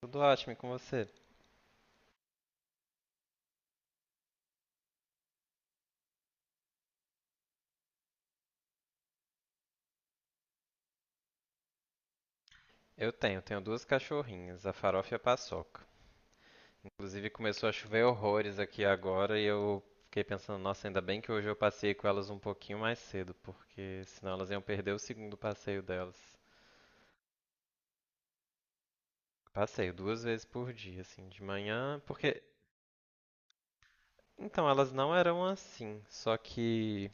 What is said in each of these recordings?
Tudo ótimo e com você? Eu tenho duas cachorrinhas, a Farofa e a Paçoca. Inclusive começou a chover horrores aqui agora e eu fiquei pensando, nossa, ainda bem que hoje eu passei com elas um pouquinho mais cedo, porque senão elas iam perder o segundo passeio delas. Passeio duas vezes por dia, assim, de manhã, porque então elas não eram assim, só que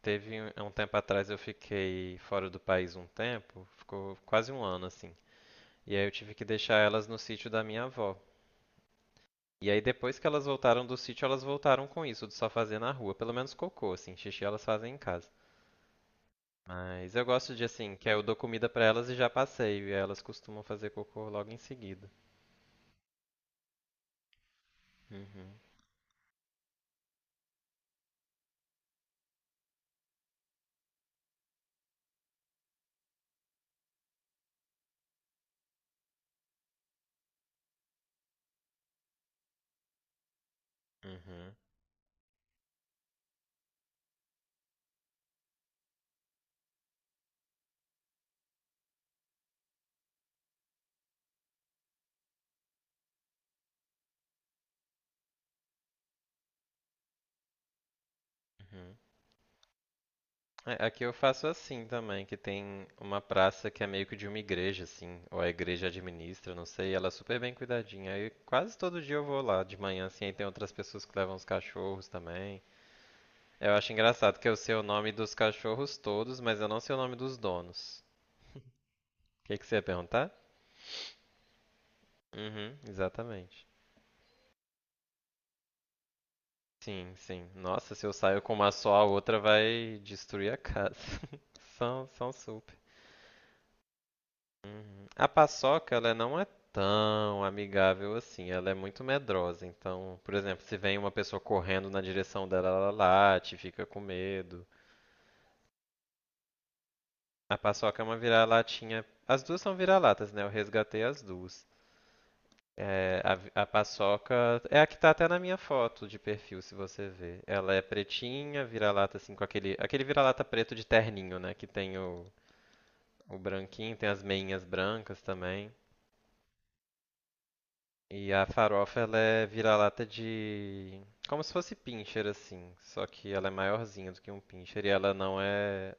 há um tempo atrás eu fiquei fora do país um tempo, ficou quase um ano assim. E aí eu tive que deixar elas no sítio da minha avó. E aí depois que elas voltaram do sítio, elas voltaram com isso de só fazer na rua, pelo menos cocô, assim, xixi elas fazem em casa. Mas eu gosto de assim, que eu dou comida pra elas e já passeio, e aí elas costumam fazer cocô logo em seguida. Uhum, uhum, uhum. É, aqui eu faço assim também, que tem uma praça que é meio que de uma igreja, assim, ou a igreja administra, não sei, e ela é super bem cuidadinha. Aí quase todo dia eu vou lá de manhã, assim, aí tem outras pessoas que levam os cachorros também. Eu acho engraçado que eu sei o nome dos cachorros todos, mas eu não sei o nome dos donos. O que, que você ia perguntar? Uhum, exatamente. Sim, sim. Nossa, se eu saio com uma só, a outra vai destruir a casa. São, são super. Uhum. A paçoca, ela não é tão amigável assim. Ela é muito medrosa. Então, por exemplo, se vem uma pessoa correndo na direção dela, ela late, fica com medo. A paçoca é uma vira-latinha. As duas são vira-latas, né? Eu resgatei as duas. É, a paçoca é a que tá até na minha foto de perfil, se você ver. Ela é pretinha, vira-lata assim com aquele vira-lata preto de terninho, né? O branquinho, tem as meinhas brancas também. E a farofa ela é vira-lata de como se fosse pincher assim, só que ela é maiorzinha do que um pincher e ela não é,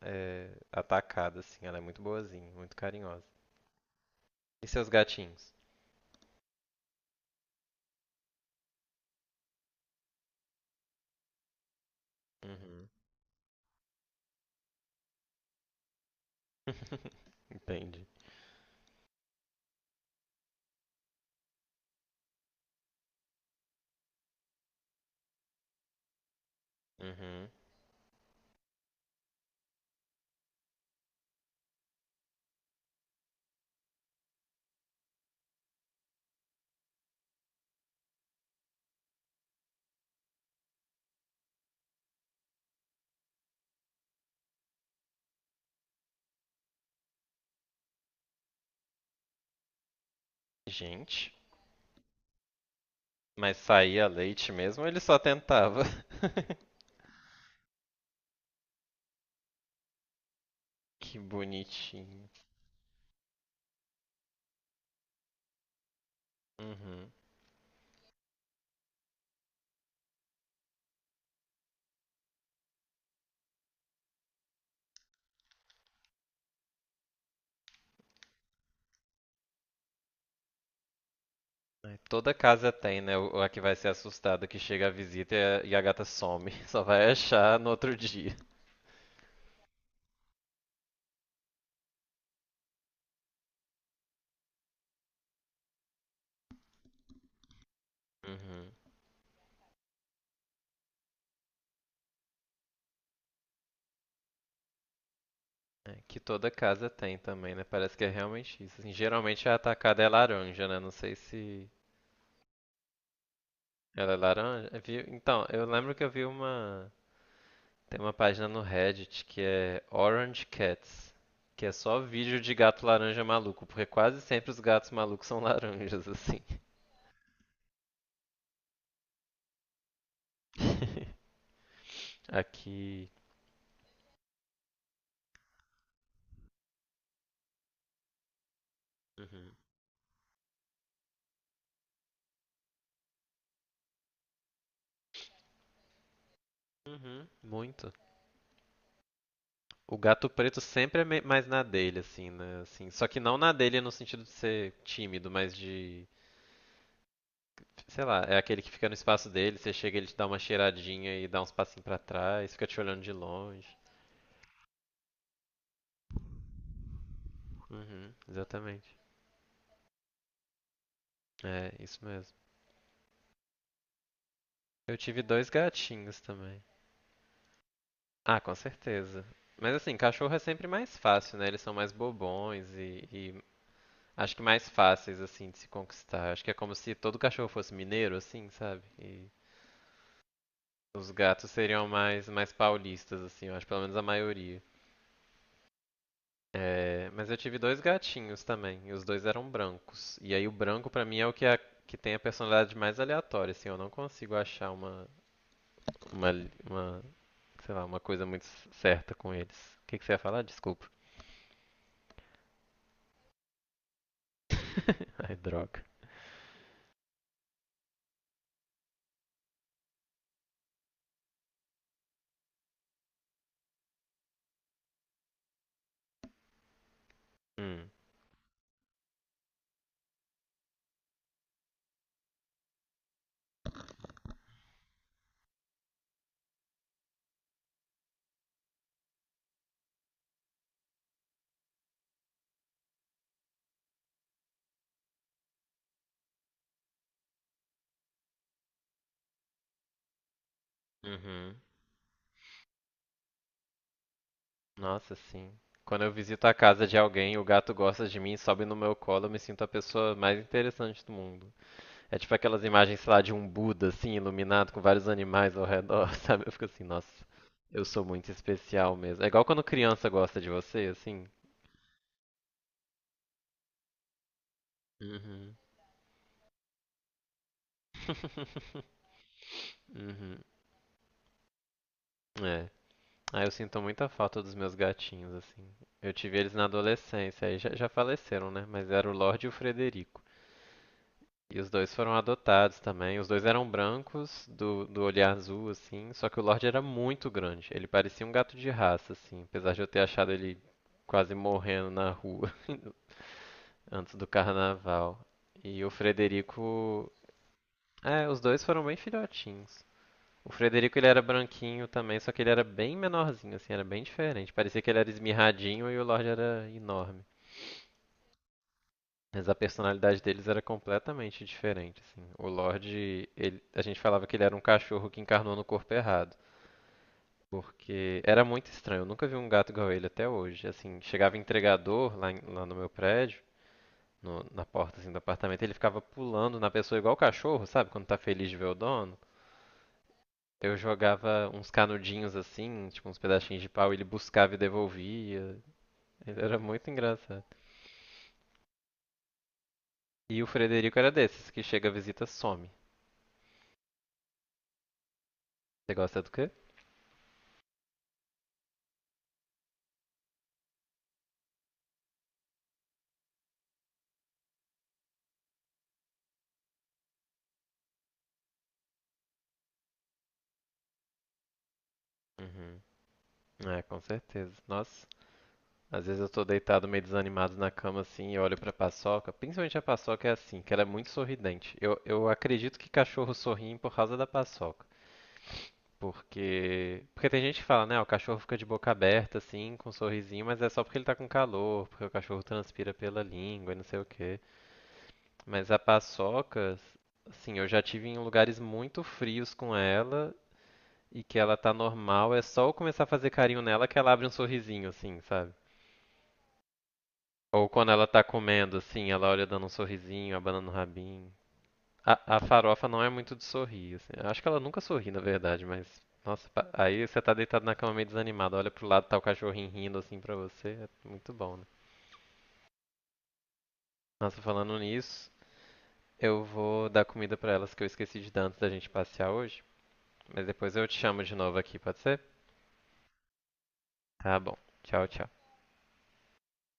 é atacada assim. Ela é muito boazinha, muito carinhosa. E seus gatinhos? Uhum. Entendi. Uhum. Gente. Mas saía leite mesmo ou ele só tentava? Que bonitinho. Uhum. Toda casa tem, né? A que vai ser assustada que chega a visita e a gata some. Só vai achar no outro dia. Uhum. É. Que toda casa tem também, né? Parece que é realmente isso, assim. Geralmente a atacada é laranja, né? Não sei se ela é laranja. Então, eu lembro que eu vi uma. Tem uma página no Reddit que é Orange Cats, que é só vídeo de gato laranja maluco, porque quase sempre os gatos malucos são laranjas, assim. Aqui. Uhum. Uhum. Muito. O gato preto sempre é mais na dele, assim, né? Assim, só que não na dele no sentido de ser tímido, mas de. Sei lá, é aquele que fica no espaço dele, você chega, ele te dá uma cheiradinha e dá uns passinhos pra trás, fica te olhando de longe. Uhum, exatamente. É, isso mesmo. Eu tive dois gatinhos também. Ah, com certeza. Mas assim, cachorro é sempre mais fácil, né? Eles são mais bobões e acho que mais fáceis, assim, de se conquistar. Acho que é como se todo cachorro fosse mineiro, assim, sabe? E os gatos seriam mais paulistas, assim, eu acho, pelo menos a maioria. É, mas eu tive dois gatinhos também, e os dois eram brancos. E aí o branco pra mim é que tem a personalidade mais aleatória, assim, eu não consigo achar uma, uma sei lá, uma coisa muito certa com eles. O que, que você ia falar? Desculpa. Ai, droga. Hum. Uhum. Nossa, sim. Quando eu visito a casa de alguém, o gato gosta de mim, sobe no meu colo, eu me sinto a pessoa mais interessante do mundo. É tipo aquelas imagens, sei lá, de um Buda, assim, iluminado com vários animais ao redor, sabe? Eu fico assim, nossa, eu sou muito especial mesmo. É igual quando criança gosta de você, assim. Uhum. Uhum. É. Ah, eu sinto muita falta dos meus gatinhos, assim. Eu tive eles na adolescência, aí já faleceram, né? Mas era o Lorde e o Frederico. E os dois foram adotados também. Os dois eram brancos, do olhar azul, assim. Só que o Lorde era muito grande. Ele parecia um gato de raça, assim. Apesar de eu ter achado ele quase morrendo na rua antes do carnaval. E o Frederico. É, os dois foram bem filhotinhos. O Frederico ele era branquinho também, só que ele era bem menorzinho, assim, era bem diferente. Parecia que ele era esmirradinho e o Lorde era enorme. Mas a personalidade deles era completamente diferente, assim. O Lorde, a gente falava que ele era um cachorro que encarnou no corpo errado. Porque era muito estranho, eu nunca vi um gato igual ele até hoje. Assim, chegava entregador lá, lá no meu prédio, na porta assim, do apartamento, ele ficava pulando na pessoa igual o cachorro, sabe? Quando tá feliz de ver o dono. Eu jogava uns canudinhos assim, tipo uns pedacinhos de pau, ele buscava e devolvia. Ele era muito engraçado. E o Frederico era desses, que chega, visita, some. Você gosta do quê? Uhum. É, com certeza. Nossa, às vezes eu tô deitado meio desanimado na cama assim e olho pra paçoca. Principalmente a paçoca é assim, que ela é muito sorridente. Eu acredito que cachorro sorri por causa da paçoca. Porque. Porque tem gente que fala, né? O cachorro fica de boca aberta, assim, com um sorrisinho, mas é só porque ele tá com calor, porque o cachorro transpira pela língua e não sei o quê. Mas a paçoca, assim, eu já tive em lugares muito frios com ela e que ela tá normal, é só eu começar a fazer carinho nela que ela abre um sorrisinho, assim, sabe? Ou quando ela tá comendo, assim, ela olha dando um sorrisinho, abanando o rabinho. A farofa não é muito de sorrir, assim. Eu acho que ela nunca sorri, na verdade, mas. Nossa, aí você tá deitado na cama meio desanimado, olha pro lado, tá o cachorrinho rindo assim pra você. É muito bom, né? Nossa, falando nisso, eu vou dar comida pra elas que eu esqueci de dar antes da gente passear hoje. Mas depois eu te chamo de novo aqui, pode ser? Tá bom. Tchau, tchau.